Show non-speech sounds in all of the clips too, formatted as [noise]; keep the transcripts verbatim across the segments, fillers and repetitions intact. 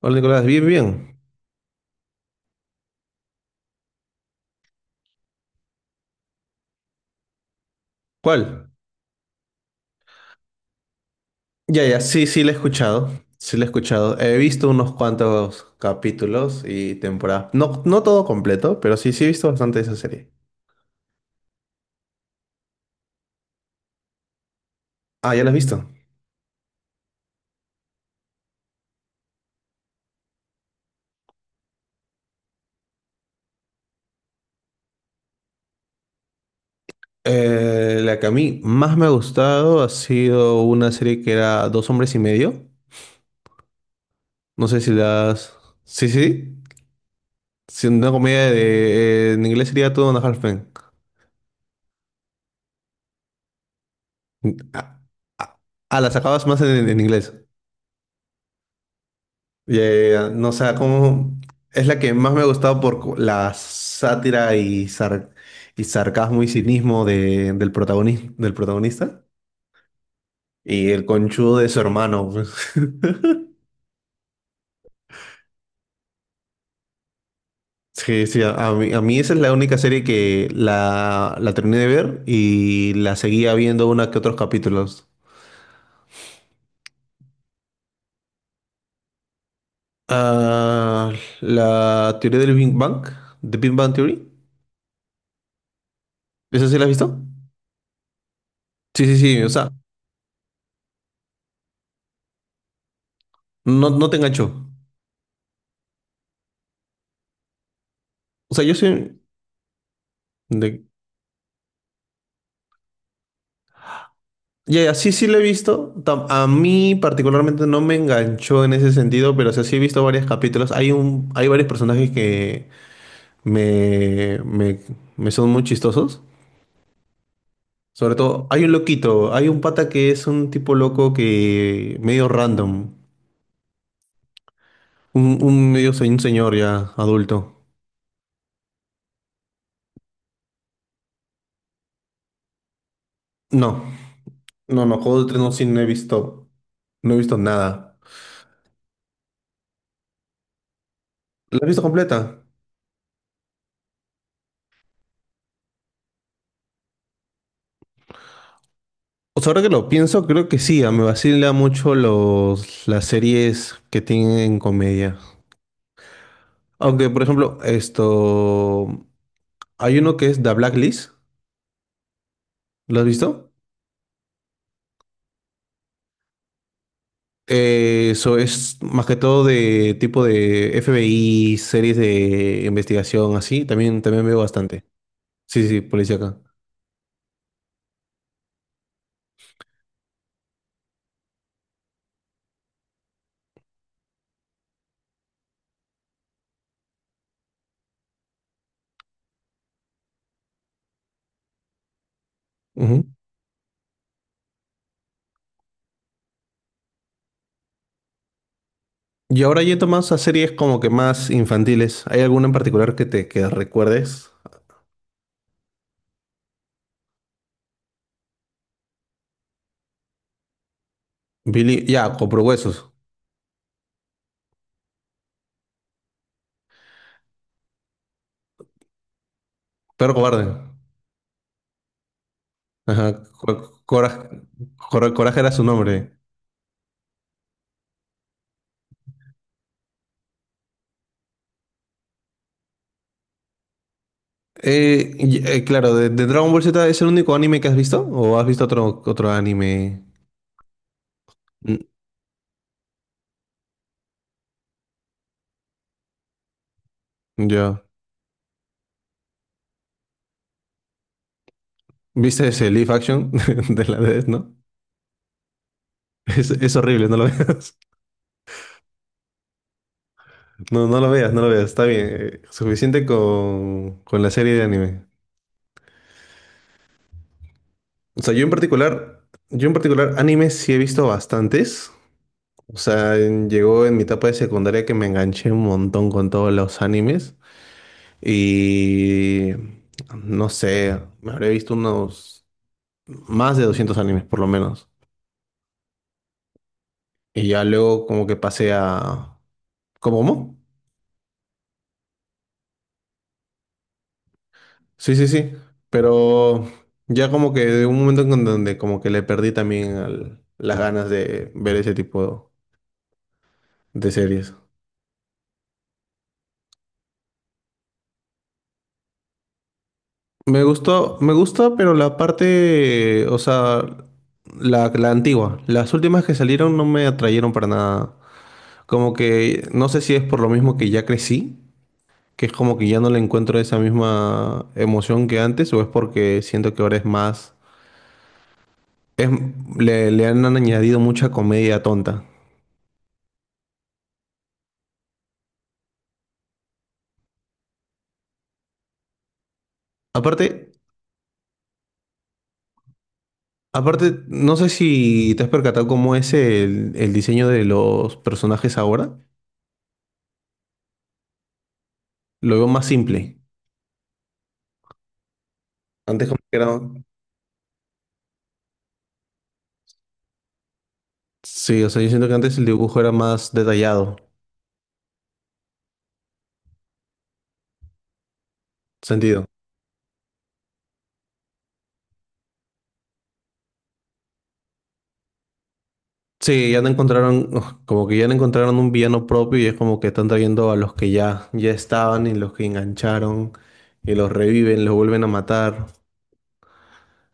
Hola Nicolás, bien, bien. ¿Cuál? Ya, ya, sí, sí, la he escuchado. Sí, la he escuchado. He visto unos cuantos capítulos y temporadas. No, no todo completo, pero sí, sí he visto bastante de esa serie. Ah, ¿ya la has visto? Eh, la que a mí más me ha gustado ha sido una serie que era Dos hombres y medio. No sé si las. Sí, sí. Sí, una comedia de... eh, en inglés sería Two and a Half Men. Ah, ah, ah, las acabas más en en inglés. Ya, ya, ya. No, o sea, como es la que más me ha gustado por cu- la sátira y, sar- y sarcasmo y cinismo de, del protagonista, del protagonista y el conchudo de su hermano, pues. [laughs] Sí, sí, a a mí, a mí esa es la única serie que la, la terminé de ver y la seguía viendo una que otros capítulos. Ah, la teoría del Big Bang, The Big Bang Theory, ¿esa sí la has visto? Sí, sí, sí, o sea, no, no te enganchó. O sea, yo soy... de- ya, sí, sí lo he visto. Tam- A mí particularmente no me enganchó en ese sentido, pero o sea, sí he visto varios capítulos. Hay un, hay varios personajes que me, me, me son muy chistosos. Sobre todo, hay un loquito, hay un pata que es un tipo loco que medio random, un, un medio se- un señor ya adulto. No, no, no, Juego de Tronos sí no he visto, no he visto nada. ¿La has visto completa? Pues ahora que lo pienso, creo que sí, ah, me vacila mucho los, las series que tienen comedia. Aunque, por ejemplo, esto, hay uno que es The Blacklist, ¿lo has visto? Eh, Eso es más que todo de tipo de F B I, series de investigación, así, también, también veo bastante. Sí, sí, sí, policía acá. Ujú. Y ahora yendo más a series como que más infantiles, ¿hay alguna en particular que te que recuerdes? Billy, ya, Compro Huesos, Perro Cobarde. Ajá, Cor- Coraje, Cor- Coraje era su nombre. Eh, y- eh, claro, de, de Dragon Ball Z es el único anime que has visto o has visto otro, otro anime. Mm, Yo. ¿Viste ese live action [laughs] de la Death, no? Es, es horrible, no lo [laughs] veas. No, no lo veas, no lo veas. Está bien. eh, Suficiente con, con la serie de anime. O sea, yo en particular, yo en particular, anime sí he visto bastantes. O sea, en- llegó en mi etapa de secundaria que me enganché un montón con todos los animes. Y no sé, me habré visto unos más de doscientos animes por lo menos. Y ya luego como que pasé a. ¿Cómo? ¿Cómo? Sí, sí, sí. Pero ya como que de un momento en donde como que le perdí también al- las ganas de ver ese tipo de series. Me gustó, me gusta, pero la parte, o sea, la, la antigua. Las últimas que salieron no me atrayeron para nada. Como que no sé si es por lo mismo que ya crecí, que es como que ya no le encuentro esa misma emoción que antes, o es porque siento que ahora es más, es, le, le han añadido mucha comedia tonta. Aparte, aparte, no sé si te has percatado cómo es el, el diseño de los personajes ahora. Lo veo más simple. Antes como que era. Sí, o sea, yo siento que antes el dibujo era más detallado. Sentido. Sí, ya no encontraron, uf, como que ya no encontraron un villano propio y es como que están trayendo a los que ya, ya estaban y los que engancharon y los reviven, los vuelven a matar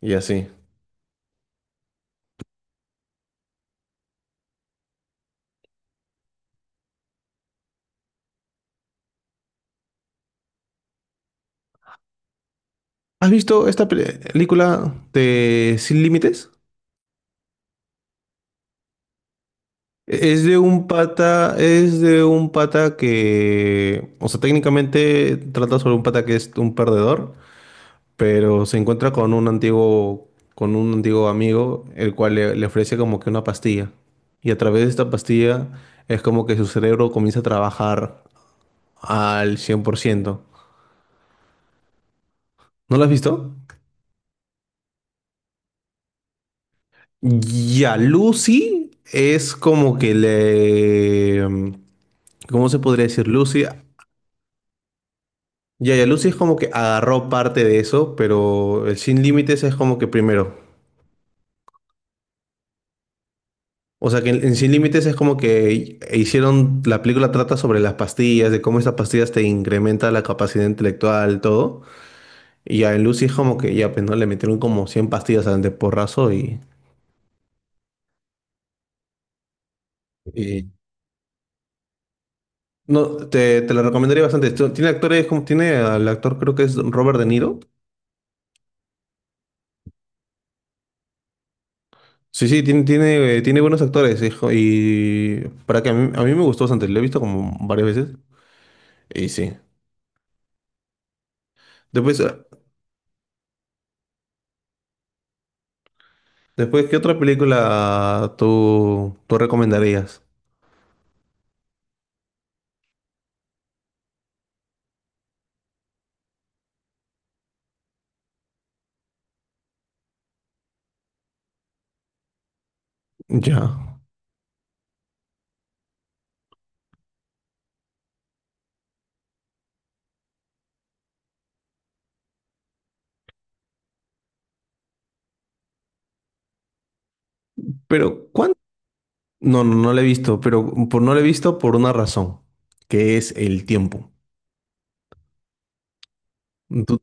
y así. ¿Has visto esta pe- película de Sin Límites? E- Es de un pata, es de un pata, que, o sea, técnicamente trata sobre un pata que es un perdedor, pero se encuentra con un antiguo, con un antiguo amigo, el cual le, le ofrece como que una pastilla. Y a través de esta pastilla es como que su cerebro comienza a trabajar al cien por ciento. ¿No lo has visto? Ya, Lucy es como que le. ¿Cómo se podría decir? Lucy. Ya, ya, Lucy es como que agarró parte de eso, pero el Sin Límites es como que primero. O sea que en, en Sin Límites es como que hicieron, la película trata sobre las pastillas, de cómo esas pastillas te incrementan la capacidad intelectual, todo. Y ya en Lucy es como que ya, pues no, le metieron como cien pastillas al de porrazo y. Y. No, te, te la recomendaría bastante. Esto. Tiene actores como, tiene al actor creo que es Robert De Niro. Sí, sí, tiene, tiene, eh, tiene buenos actores. Hijo, y para que a mí, a mí me gustó bastante, lo he visto como varias veces. Y sí. Después, eh, después ¿qué otra película tú, tú recomendarías? Ya. Pero, ¿cuánto? No, no, no lo he visto, pero por, no lo he visto por una razón, que es el tiempo. Du-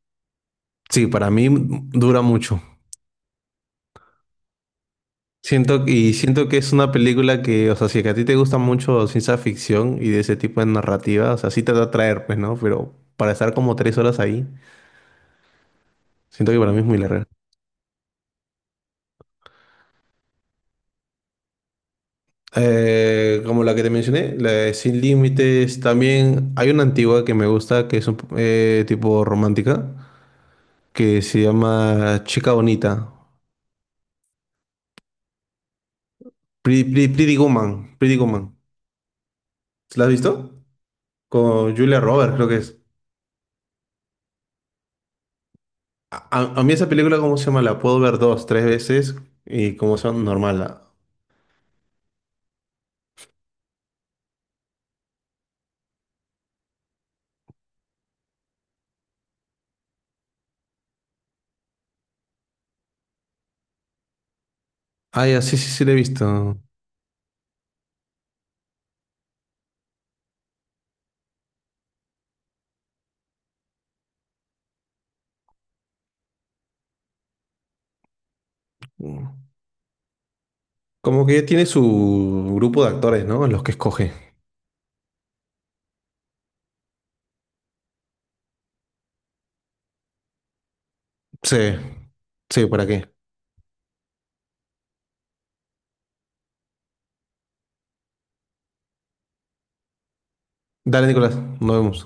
sí, para mí mm, dura mucho. Siento, y siento que es una película que, o sea, si es que a ti te gusta mucho ciencia ficción y de ese tipo de narrativa, o sea, sí te va a atraer, pues, ¿no? Pero para estar como tres horas ahí, siento que para mí es muy larga. Eh, como la que te mencioné, la de Sin Límites, también hay una antigua que me gusta, que es un, eh, tipo romántica, que se llama Chica Bonita. Pretty, Pretty- Pretty Woman, Pretty Woman. ¿La has visto? Con Julia Roberts, creo que es. A, a mí esa película, ¿cómo se llama? La puedo ver dos, tres veces y como son normal. La. Ah, ya, sí, sí, sí, la he visto. Como que tiene su grupo de actores, ¿no? Los que escoge. Sí, sí, ¿para qué? Dale, Nicolás, nos vemos.